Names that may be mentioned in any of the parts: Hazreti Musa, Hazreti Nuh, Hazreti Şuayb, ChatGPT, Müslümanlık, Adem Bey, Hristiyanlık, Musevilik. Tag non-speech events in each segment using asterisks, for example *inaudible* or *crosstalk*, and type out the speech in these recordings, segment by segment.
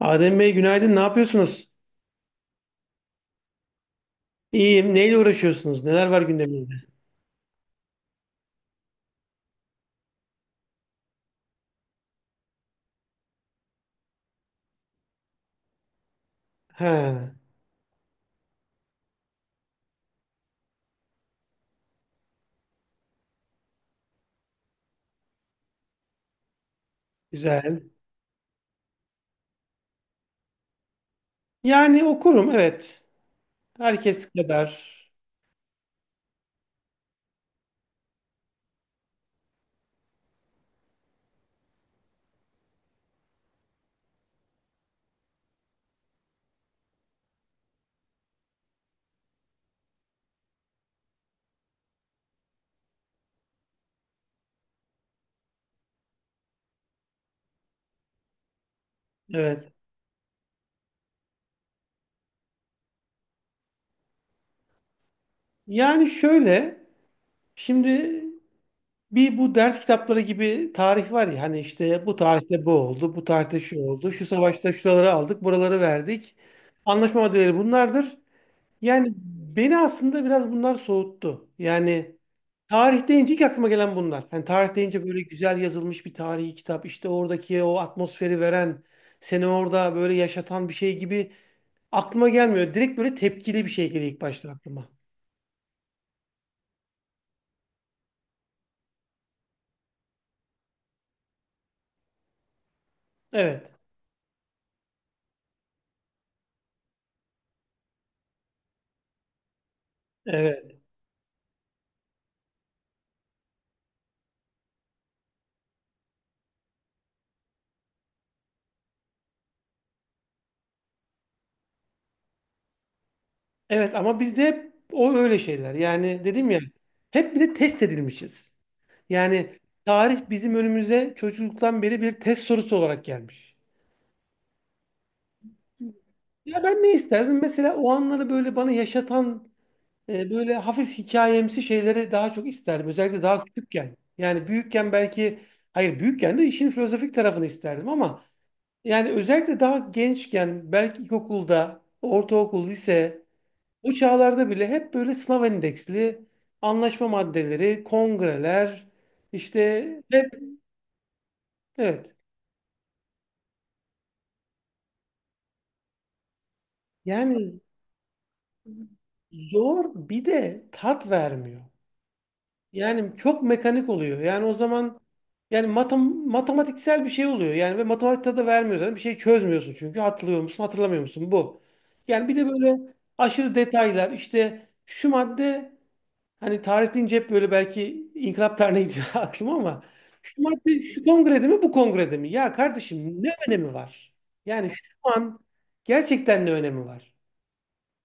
Adem Bey günaydın. Ne yapıyorsunuz? İyiyim. Neyle uğraşıyorsunuz? Neler var gündeminizde? Ha, güzel. Yani okurum, evet. Herkes kadar. Evet. Yani şöyle, şimdi bu ders kitapları gibi tarih var ya, hani işte bu tarihte bu oldu, bu tarihte şu oldu, şu savaşta şuraları aldık, buraları verdik. Anlaşma maddeleri bunlardır. Yani beni aslında biraz bunlar soğuttu. Yani tarih deyince ilk aklıma gelen bunlar. Yani tarih deyince böyle güzel yazılmış bir tarihi kitap, işte oradaki o atmosferi veren, seni orada böyle yaşatan bir şey gibi aklıma gelmiyor. Direkt böyle tepkili bir şey geliyor ilk başta aklıma. Evet. Evet. Evet ama bizde hep o öyle şeyler. Yani dedim ya, hep bir de test edilmişiz. Yani tarih bizim önümüze çocukluktan beri bir test sorusu olarak gelmiş. Ya ben ne isterdim? Mesela o anları böyle bana yaşatan, böyle hafif hikayemsi şeyleri daha çok isterdim. Özellikle daha küçükken. Yani büyükken belki hayır, büyükken de işin filozofik tarafını isterdim ama yani özellikle daha gençken, belki ilkokulda, ortaokul, lise, bu çağlarda bile hep böyle sınav endeksli anlaşma maddeleri, kongreler, işte hep. Evet. Yani zor, bir de tat vermiyor. Yani çok mekanik oluyor. Yani o zaman yani matematiksel bir şey oluyor. Yani ve matematikte de vermiyor zaten. Bir şey çözmüyorsun çünkü. Hatırlıyor musun, hatırlamıyor musun? Bu. Yani bir de böyle aşırı detaylar. İşte şu madde, hani tarih deyince hep böyle belki inkılap tarihine gidiyor *laughs* aklıma ama şu madde şu kongrede mi bu kongrede mi? Ya kardeşim, ne önemi var? Yani şu an gerçekten ne önemi var?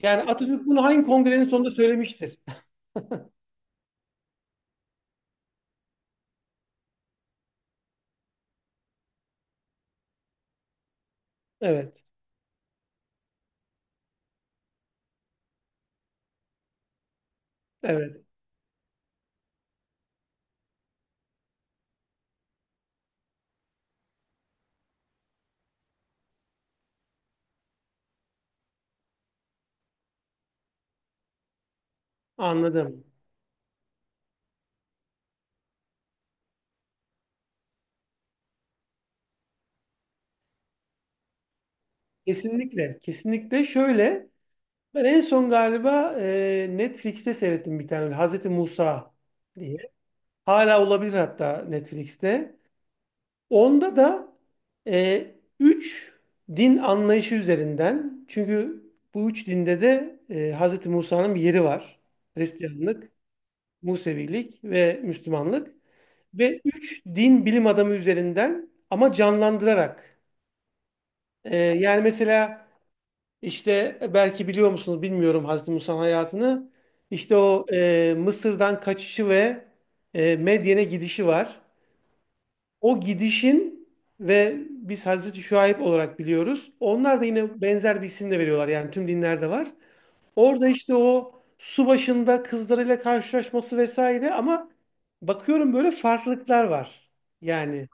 Yani Atatürk bunu hangi kongrenin sonunda söylemiştir? *laughs* Evet. Evet. Anladım. Kesinlikle, kesinlikle şöyle. Ben en son galiba Netflix'te seyrettim bir tane öyle, Hazreti Musa diye. Hala olabilir hatta Netflix'te. Onda da e, üç din anlayışı üzerinden. Çünkü bu üç dinde de Hazreti Musa'nın bir yeri var. Hristiyanlık, Musevilik ve Müslümanlık. Ve üç din bilim adamı üzerinden ama canlandırarak. Yani mesela İşte belki biliyor musunuz bilmiyorum Hazreti Musa'nın hayatını. İşte o Mısır'dan kaçışı ve Medyen'e gidişi var. O gidişin ve biz Hazreti Şuayb olarak biliyoruz. Onlar da yine benzer bir isimle veriyorlar. Yani tüm dinlerde var. Orada işte o su başında kızlarıyla karşılaşması vesaire ama bakıyorum böyle farklılıklar var. Yani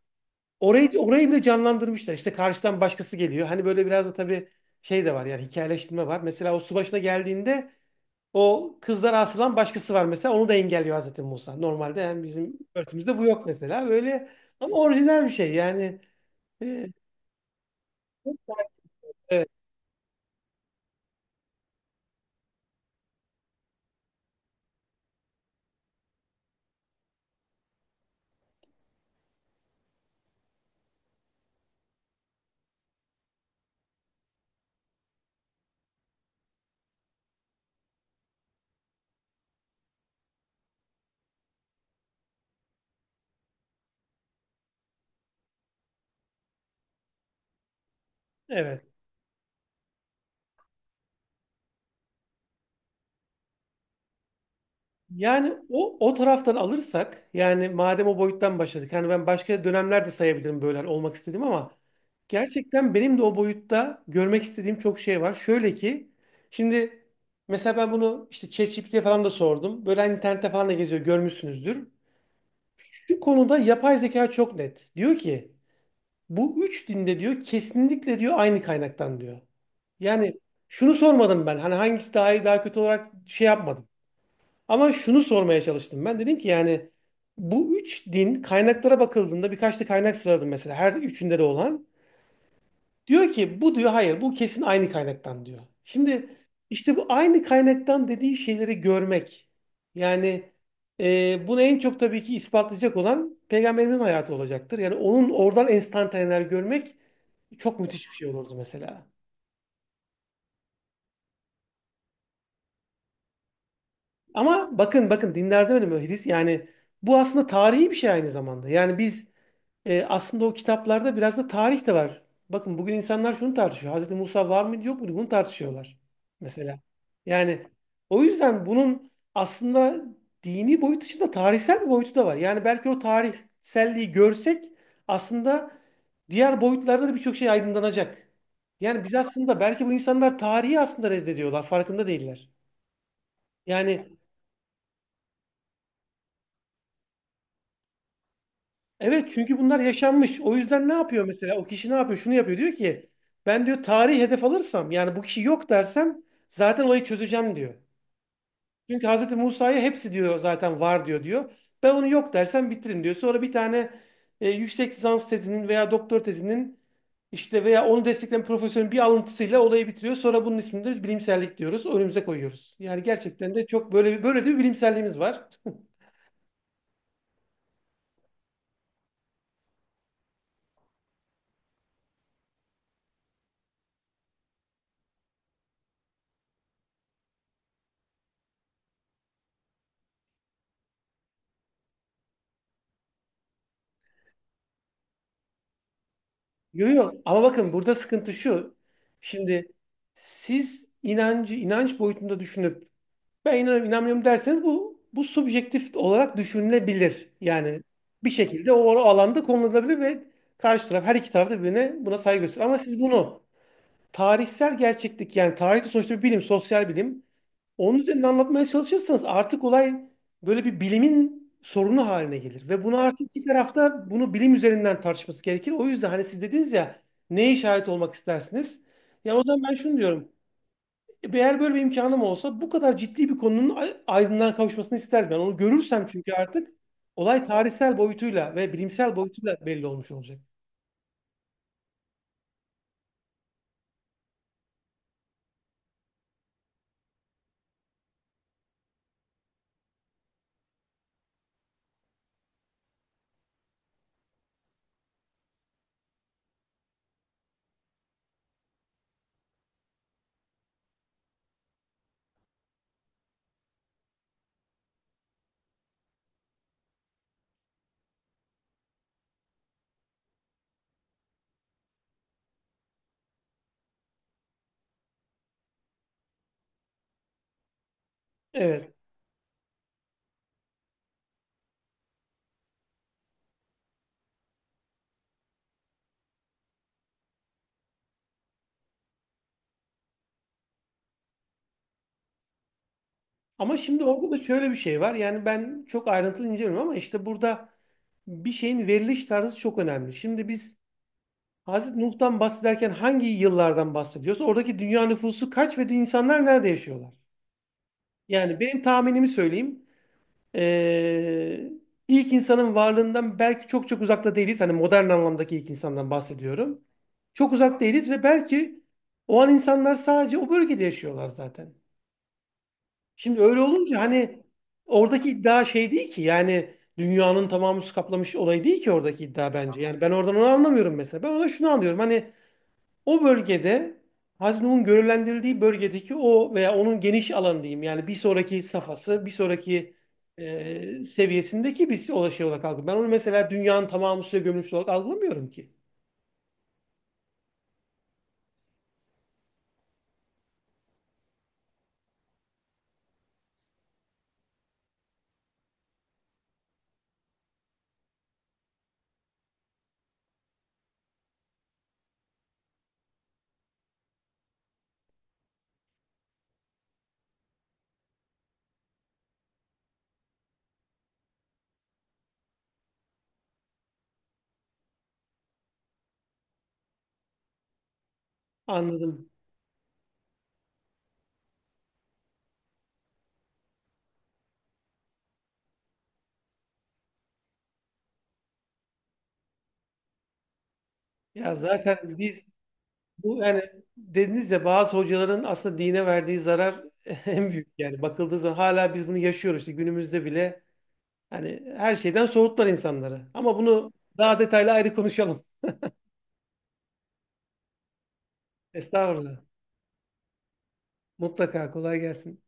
orayı, orayı bile canlandırmışlar. İşte karşıdan başkası geliyor. Hani böyle biraz da tabii şey de var, yani hikayeleştirme var. Mesela o su başına geldiğinde o kızlara asılan başkası var mesela. Onu da engelliyor Hazreti Musa. Normalde yani bizim örtümüzde bu yok mesela. Böyle ama orijinal bir şey yani. Ee, evet. Evet. Yani o o taraftan alırsak, yani madem o boyuttan başladık. Yani ben başka dönemlerde sayabilirim böyle hani olmak istediğim ama gerçekten benim de o boyutta görmek istediğim çok şey var. Şöyle ki, şimdi mesela ben bunu işte ChatGPT'ye falan da sordum. Böyle hani internette falan da geziyor, görmüşsünüzdür. Şu konuda yapay zeka çok net. Diyor ki bu üç dinde diyor kesinlikle diyor aynı kaynaktan diyor. Yani şunu sormadım ben hani hangisi daha iyi daha kötü olarak şey yapmadım. Ama şunu sormaya çalıştım ben. Dedim ki yani bu üç din kaynaklara bakıldığında, birkaç da kaynak sıraladım mesela her üçünde de olan. Diyor ki bu diyor hayır bu kesin aynı kaynaktan diyor. Şimdi işte bu aynı kaynaktan dediği şeyleri görmek. Yani bunu en çok tabii ki ispatlayacak olan peygamberimizin hayatı olacaktır. Yani onun oradan enstantaneler görmek çok müthiş bir şey olurdu mesela. Ama bakın, bakın dinlerde öyle mi? Hris yani bu aslında tarihi bir şey aynı zamanda. Yani biz aslında o kitaplarda biraz da tarih de var. Bakın bugün insanlar şunu tartışıyor. Hazreti Musa var mıydı yok muydu? Bunu tartışıyorlar. Mesela. Yani o yüzden bunun aslında dini boyut dışında tarihsel bir boyutu da var. Yani belki o tarihselliği görsek aslında diğer boyutlarda da birçok şey aydınlanacak. Yani biz aslında belki, bu insanlar tarihi aslında reddediyorlar. Farkında değiller. Yani evet, çünkü bunlar yaşanmış. O yüzden ne yapıyor mesela? O kişi ne yapıyor? Şunu yapıyor. Diyor ki ben diyor tarihi hedef alırsam yani bu kişi yok dersem zaten olayı çözeceğim diyor. Çünkü Hazreti Musa'ya hepsi diyor zaten var diyor diyor. Ben onu yok dersem bitiririm diyor. Sonra bir tane yüksek lisans tezinin veya doktor tezinin işte veya onu destekleyen profesörün bir alıntısıyla olayı bitiriyor. Sonra bunun ismini de biz bilimsellik diyoruz. Önümüze koyuyoruz. Yani gerçekten de çok böyle de bir bilimselliğimiz var. *laughs* Yok, yok ama bakın burada sıkıntı şu. Şimdi siz inancı inanç boyutunda düşünüp ben inanıyorum inanmıyorum derseniz bu subjektif olarak düşünülebilir. Yani bir şekilde o alanda konulabilir ve karşı taraf, her iki taraf da birbirine buna saygı gösterir. Ama siz bunu tarihsel gerçeklik, yani tarih de sonuçta bir bilim, sosyal bilim, onun üzerinde anlatmaya çalışırsanız artık olay böyle bir bilimin sorunu haline gelir. Ve bunu artık iki tarafta bunu bilim üzerinden tartışması gerekir. O yüzden hani siz dediniz ya, neye şahit olmak istersiniz? Ya o zaman ben şunu diyorum. E, eğer böyle bir imkanım olsa bu kadar ciddi bir konunun aydınlığa kavuşmasını isterdim. Ben onu görürsem, çünkü artık olay tarihsel boyutuyla ve bilimsel boyutuyla belli olmuş olacak. Evet. Ama şimdi orada da şöyle bir şey var. Yani ben çok ayrıntılı incelemiyorum ama işte burada bir şeyin veriliş tarzı çok önemli. Şimdi biz Hazreti Nuh'tan bahsederken hangi yıllardan bahsediyorsa, oradaki dünya nüfusu kaç ve insanlar nerede yaşıyorlar? Yani benim tahminimi söyleyeyim. Ee, ilk insanın varlığından belki çok çok uzakta değiliz. Hani modern anlamdaki ilk insandan bahsediyorum. Çok uzak değiliz ve belki o an insanlar sadece o bölgede yaşıyorlar zaten. Şimdi öyle olunca hani oradaki iddia şey değil ki, yani dünyanın tamamı su kaplamış olayı değil ki oradaki iddia bence. Yani ben oradan onu anlamıyorum mesela. Ben orada şunu anlıyorum. Hani o bölgede, Haznuh'un görevlendirildiği bölgedeki o veya onun geniş alan diyeyim, yani bir sonraki safhası, bir sonraki seviyesindeki bir şey olarak algılıyorum. Ben onu mesela dünyanın tamamı suya gömülmüş olarak algılamıyorum ki. Anladım. Ya zaten biz yani dediniz ya bazı hocaların aslında dine verdiği zarar *laughs* en büyük, yani bakıldığı zaman hala biz bunu yaşıyoruz işte günümüzde bile, hani her şeyden soğuttular insanları. Ama bunu daha detaylı ayrı konuşalım. Estağfurullah. Mutlaka, kolay gelsin.